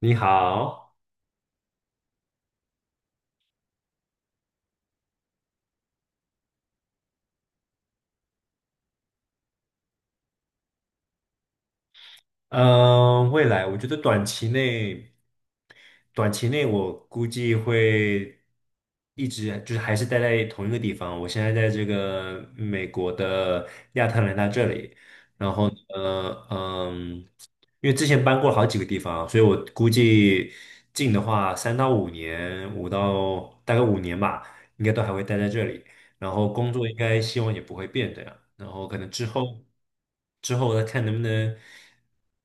你好，嗯，未来我觉得短期内，我估计会一直就是还是待在同一个地方。我现在在这个美国的亚特兰大这里，然后呢，嗯，因为之前搬过好几个地方啊，所以我估计近的话，三到五年，五到大概五年吧，应该都还会待在这里。然后工作应该希望也不会变这样，然后可能之后再看能不能，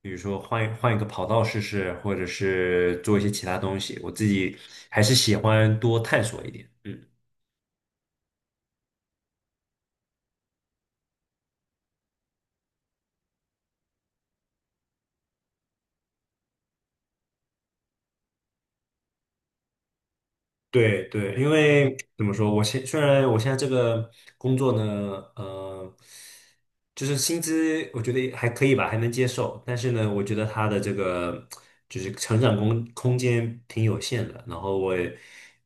比如说换一个跑道试试，或者是做一些其他东西，我自己还是喜欢多探索一点，嗯。对对，因为怎么说，虽然我现在这个工作呢，呃，就是薪资我觉得也还可以吧，还能接受，但是呢，我觉得他的这个就是成长空间挺有限的，然后我也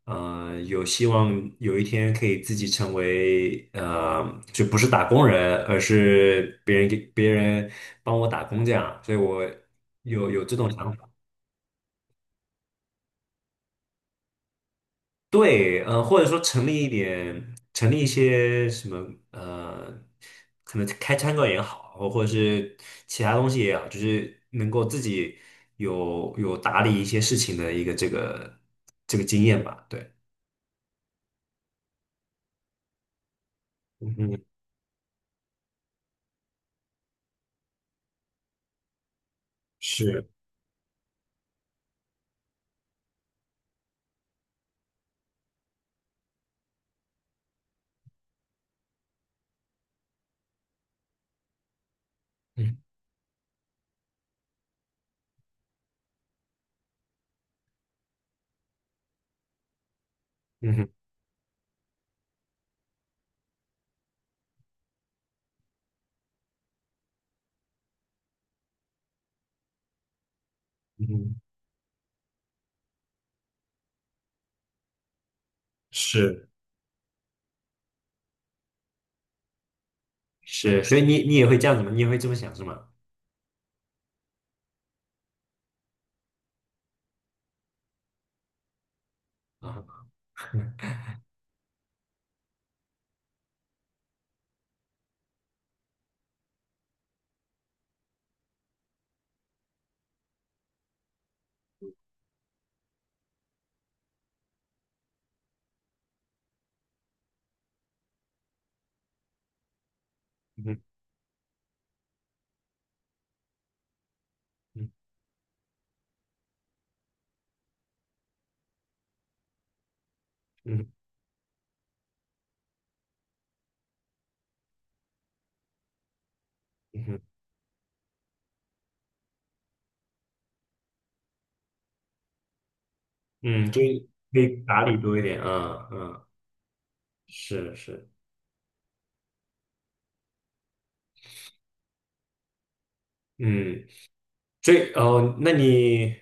有希望有一天可以自己成为就不是打工人，而是别人帮我打工这样，所以我有这种想法。对，或者说成立一些什么，可能开餐馆也好，或者是其他东西也好，就是能够自己有打理一些事情的一个这个经验吧。对，嗯哼，是，嗯，嗯哼，嗯哼，是，是，所以你也会这样子吗？你也会这么想是吗？啊，嗯哼，嗯嗯嗯哼嗯，就是可以打理多一点，啊，嗯，是是，嗯。所以哦，那你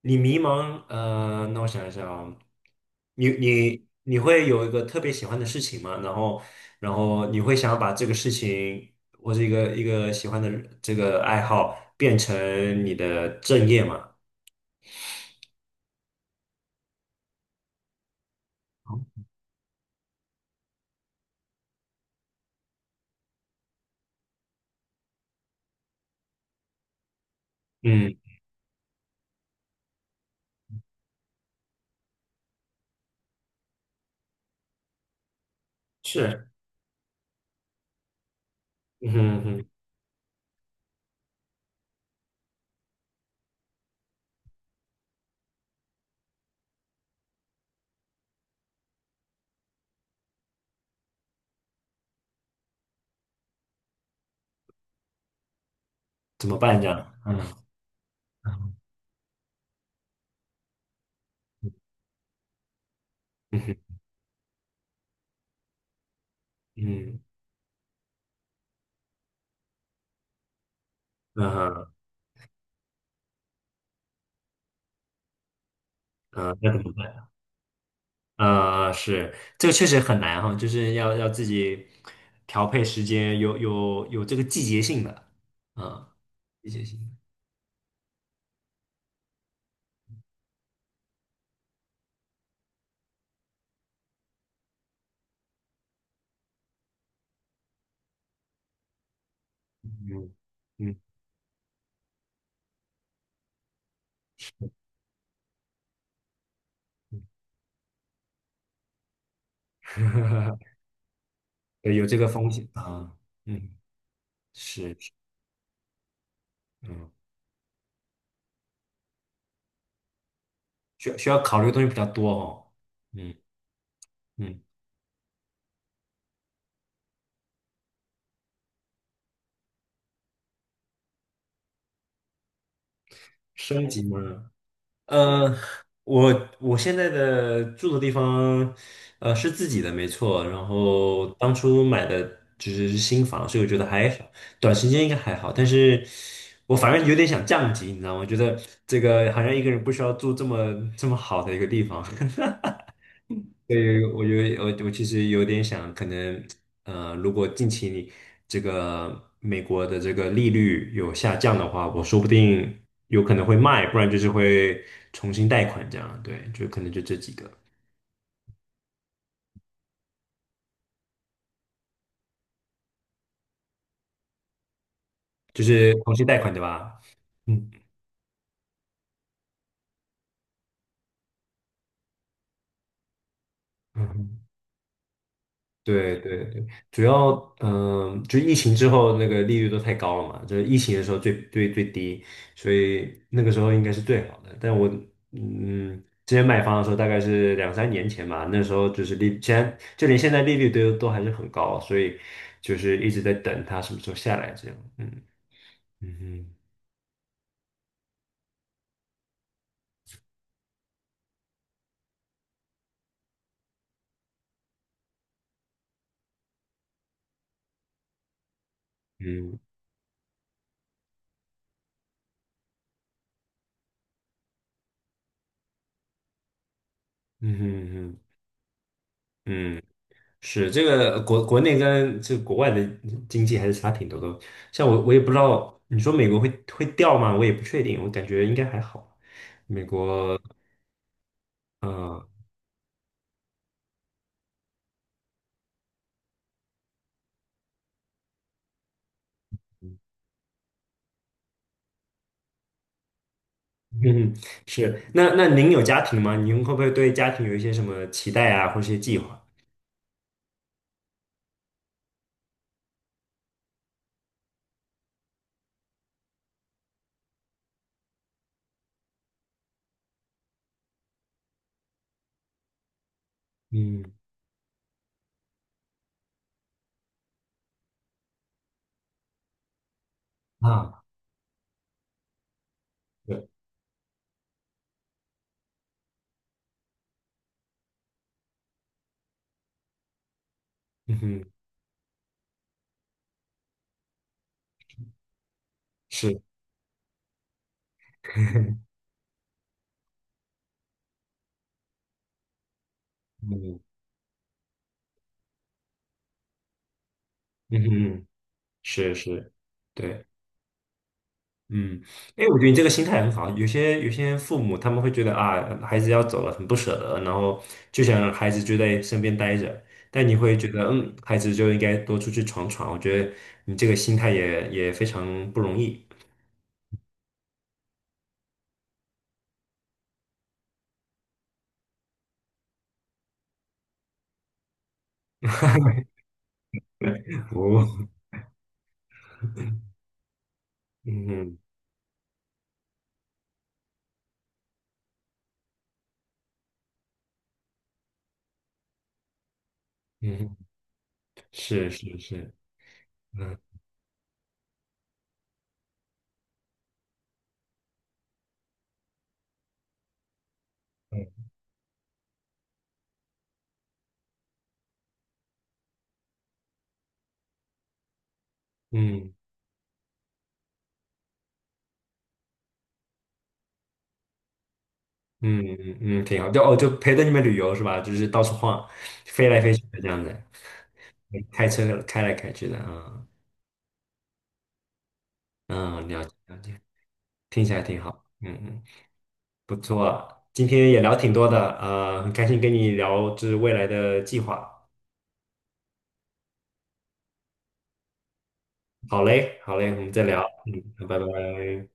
迷茫，那我想一下啊，你会有一个特别喜欢的事情吗？然后你会想要把这个事情或者一个喜欢的爱好变成你的正业吗？嗯，是，嗯哼嗯哼，怎么办这样？嗯嗯哼嗯嗯哼嗯，那怎么办？是，这个确实很难哈，就是要自己调配时间，有这个季节性的，啊，季节性的，嗯嗯，嗯对，有这个风险啊，嗯，是，是嗯，需要考虑的东西比较多哦，嗯嗯，升级嘛，呃，我现在的住的地方，是自己的，没错。然后当初买的就是新房，所以我觉得还好，短时间应该还好。但是我反正有点想降级，你知道吗？觉得这个好像一个人不需要住这么好的一个地方。对，我其实有点想，可能如果近期你这个美国的这个利率有下降的话，我说不定有可能会卖，不然就是会重新贷款这样。对，就可能就这几个，就是重新贷款对吧？嗯。对对对，主要就疫情之后那个利率都太高了嘛，就是疫情的时候最低，所以那个时候应该是最好的。但我嗯，之前买房的时候大概是两三年前嘛，那时候就是利，现在利率都还是很高，所以就是一直在等它什么时候下来这样。嗯嗯哼嗯嗯哼嗯哼嗯。是这个国内跟这个国外的经济还是差挺多的。像我，我也不知道，你说美国会掉吗？我也不确定，我感觉应该还好。嗯，嗯，是。那那您有家庭吗？您会不会对家庭有一些什么期待啊，或者一些计划？嗯啊，对，嗯哼，是，嗯嗯哼，是是，对。嗯，哎，我觉得你这个心态很好。有些父母他们会觉得啊，孩子要走了很不舍得，然后就想让孩子就在身边待着。但你会觉得，嗯，孩子就应该多出去闯闯。我觉得你这个心态也非常不容易。哦，嗯嗯，是是是，嗯嗯嗯嗯嗯，挺好。就哦，就陪着你们旅游是吧？就是到处晃，飞来飞去的这样子，开车开来开去的啊，嗯，了解，听起来挺好。嗯嗯。不错，今天也聊挺多的，很开心跟你聊这是未来的计划。好嘞，好嘞，我们再聊，嗯，拜拜。